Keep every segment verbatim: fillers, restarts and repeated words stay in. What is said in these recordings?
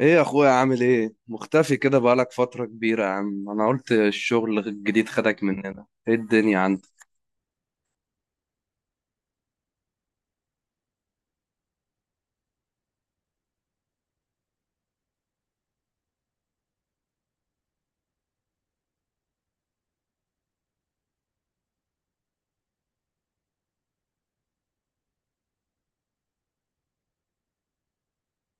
ايه يا اخويا عامل ايه؟ مختفي كده بقالك فترة كبيرة يا عم. انا قلت الشغل الجديد خدك مننا. ايه الدنيا عندك؟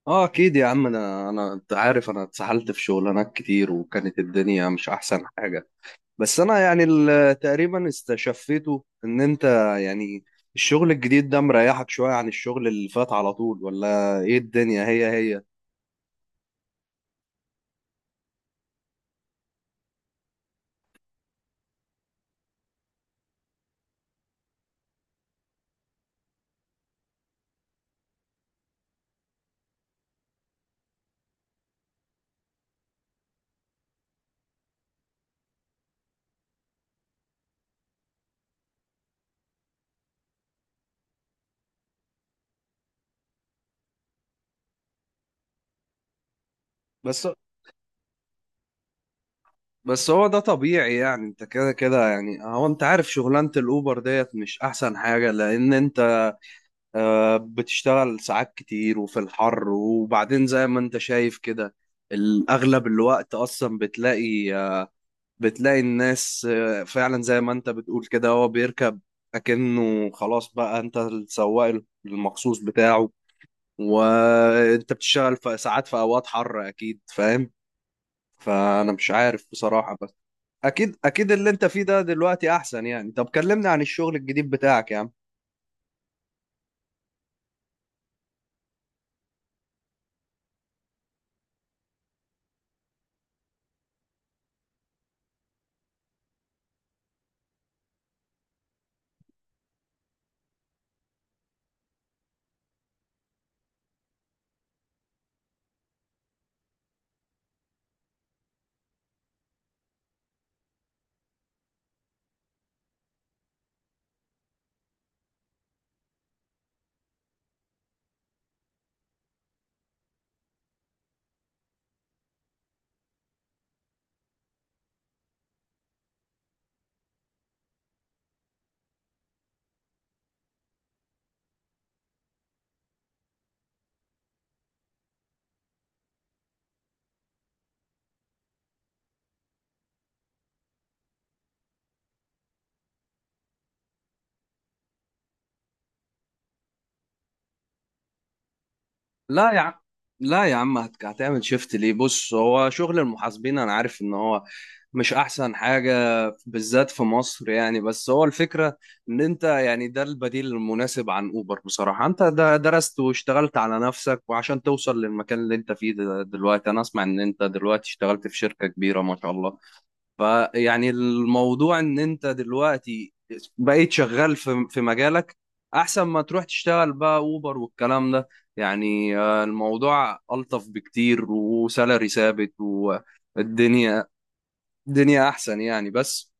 اه اكيد يا عم. انا انا انت عارف انا اتسحلت في شغلانات كتير وكانت الدنيا مش احسن حاجة. بس انا يعني ال- تقريبا استشفيته ان انت، يعني الشغل الجديد ده مريحك شوية عن الشغل اللي فات على طول، ولا ايه؟ الدنيا هي هي. بس بس هو ده طبيعي يعني، انت كده كده. يعني هو انت عارف شغلانة الاوبر ديت مش احسن حاجة، لان انت آه، بتشتغل ساعات كتير وفي الحر، وبعدين زي ما انت شايف كده الأغلب الوقت أصلا بتلاقي، آه، بتلاقي الناس آه، فعلا زي ما انت بتقول كده هو بيركب أكنه خلاص بقى انت السواق المخصوص بتاعه، وانت بتشتغل في ساعات في أوقات حر، أكيد فاهم. فأنا مش عارف بصراحة، بس أكيد أكيد اللي انت فيه ده دلوقتي أحسن. يعني طب كلمني عن الشغل الجديد بتاعك يا عم. لا يا عم، لا يا عم، هت- هتعمل شيفت ليه؟ بص، هو شغل المحاسبين انا عارف ان هو مش احسن حاجة بالذات في مصر يعني، بس هو الفكرة ان انت يعني ده البديل المناسب عن اوبر. بصراحة انت ده درست واشتغلت على نفسك وعشان توصل للمكان اللي انت فيه د- دلوقتي. انا اسمع ان انت دلوقتي اشتغلت في شركة كبيرة ما شاء الله. فيعني الموضوع ان انت دلوقتي بقيت شغال في في مجالك، احسن ما تروح تشتغل بقى اوبر والكلام ده. يعني آه، الموضوع الطف بكتير وسالري ثابت، والدنيا الدنيا احسن يعني بس.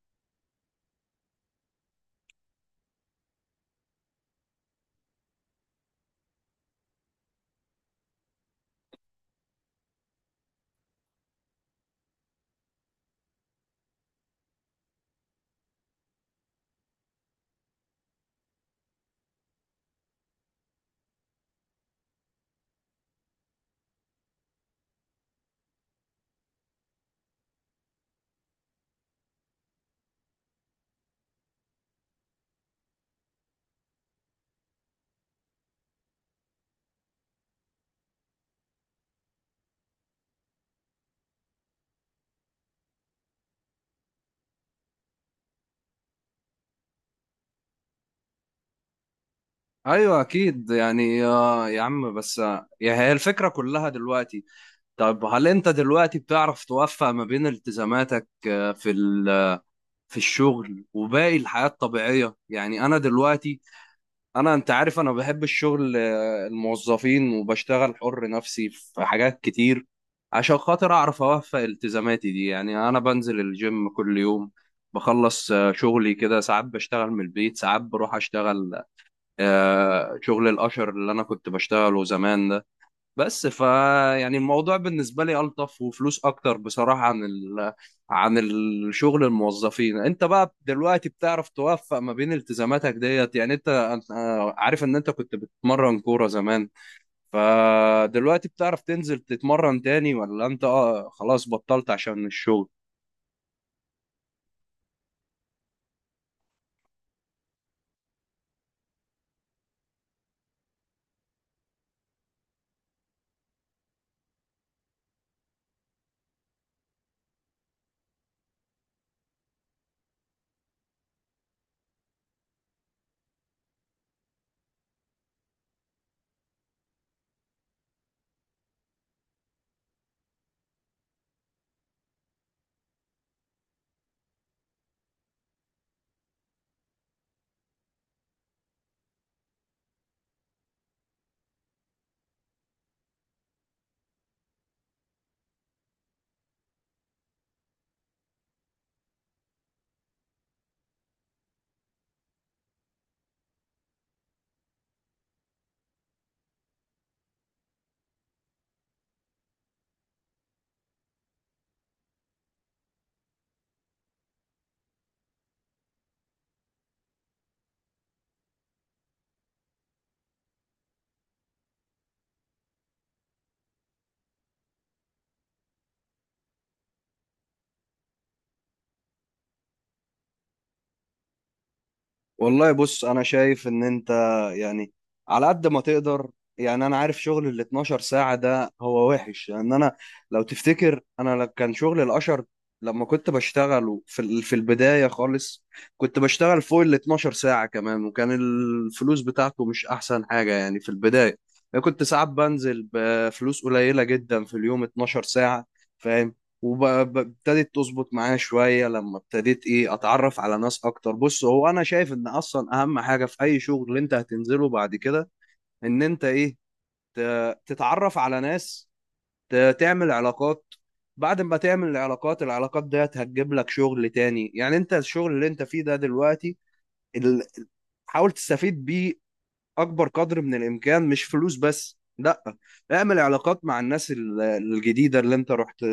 ايوه اكيد يعني، آه، يا عم بس، آه، يعني هي الفكره كلها دلوقتي. طب هل انت دلوقتي بتعرف توفق ما بين التزاماتك، آه، في ال- في الشغل وباقي الحياه الطبيعيه؟ يعني انا دلوقتي، انا انت عارف انا بحب الشغل، آه، الموظفين وبشتغل حر نفسي في حاجات كتير. عشان خاطر اعرف اوفق التزاماتي دي، يعني انا بنزل الجيم كل يوم، بخلص آه، شغلي كده، ساعات بشتغل من البيت ساعات بروح اشتغل، آه، شغل الاشر اللي انا كنت بشتغله زمان ده. بس فا يعني الموضوع بالنسبة لي ألطف وفلوس أكتر بصراحة عن ال... عن الشغل الموظفين. أنت بقى دلوقتي بتعرف توفق ما بين التزاماتك ديت؟ يعني أنت، أنت- آه، عارف إن أنت كنت بتتمرن كورة زمان، فدلوقتي بتعرف تنزل تتمرن تاني ولا أنت آه خلاص بطلت عشان الشغل؟ والله بص، انا شايف ان انت، يعني على قد ما تقدر، يعني انا عارف شغل ال اتناشر ساعة ده هو وحش لان انا لو تفتكر انا، ل- كان شغل الاشر لما كنت بشتغله في ال- في البداية خالص كنت بشتغل فوق ال اتناشر ساعة كمان، وكان الفلوس بتاعته مش احسن حاجة يعني في البداية. انا كنت ساعات بنزل بفلوس قليلة جدا في اليوم اتناشر ساعة، وابتدت تظبط معايا شوية لما ابتديت ايه اتعرف على ناس اكتر. بص، هو انا شايف ان اصلا اهم حاجة في اي شغل اللي انت هتنزله بعد كده ان انت ايه، ت- تتعرف على ناس، ت- تعمل علاقات. بعد ما تعمل العلاقات، العلاقات ديت هتجيب لك شغل تاني. يعني انت الشغل اللي انت فيه ده دلوقتي ال- حاول تستفيد بيه اكبر قدر من الامكان، مش فلوس بس، لا، اعمل علاقات مع الناس ال- الجديده اللي انت رحت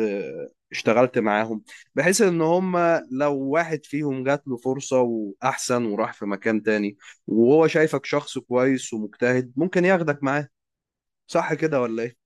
اشتغلت معاهم، بحيث ان هم لو واحد فيهم جات له فرصه واحسن وراح في مكان تاني وهو شايفك شخص كويس ومجتهد، ممكن ياخدك معاه. صح كده ولا ايه؟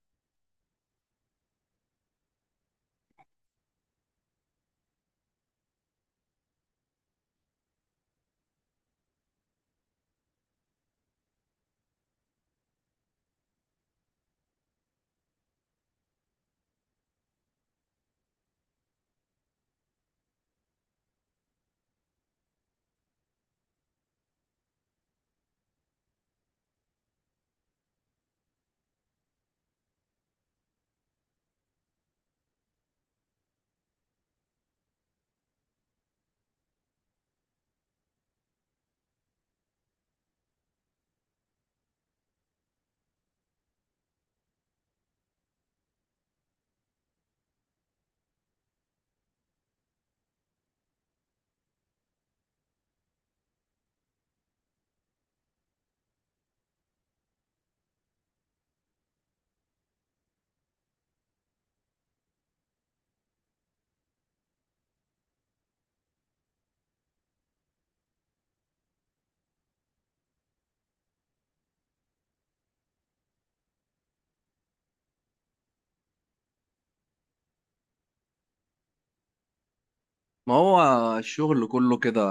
ما هو الشغل كله كده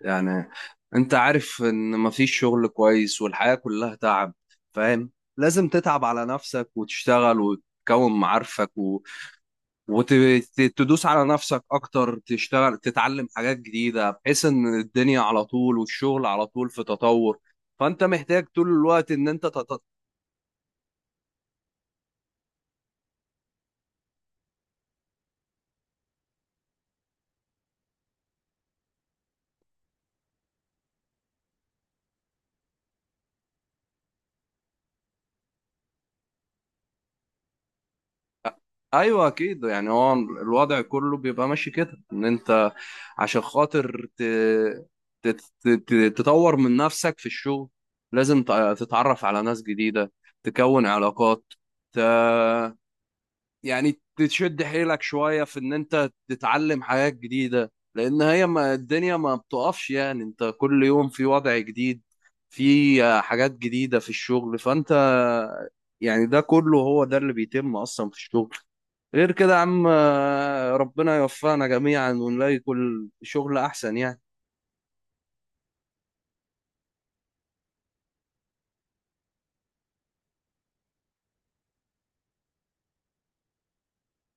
يعني، انت عارف ان مفيش شغل كويس والحياة كلها تعب، فاهم. لازم تتعب على نفسك وتشتغل وتكون معارفك و... وتدوس على نفسك اكتر، تشتغل، تتعلم حاجات جديدة، بحيث ان الدنيا على طول والشغل على طول في تطور، فانت محتاج طول الوقت ان انت تط... ايوه اكيد يعني، هو الوضع كله بيبقى ماشي كده ان انت عشان خاطر ت... تت... تت... تطور من نفسك في الشغل، لازم ت- تتعرف على ناس جديدة، تكون علاقات، ت... يعني تشد حيلك شوية في ان انت تتعلم حاجات جديدة، لان هي ما الدنيا ما بتقفش. يعني انت كل يوم في وضع جديد، في حاجات جديدة في الشغل، فانت يعني ده كله هو ده اللي بيتم اصلا في الشغل. غير كده يا عم ربنا يوفقنا جميعا ونلاقي كل شغل احسن يعني.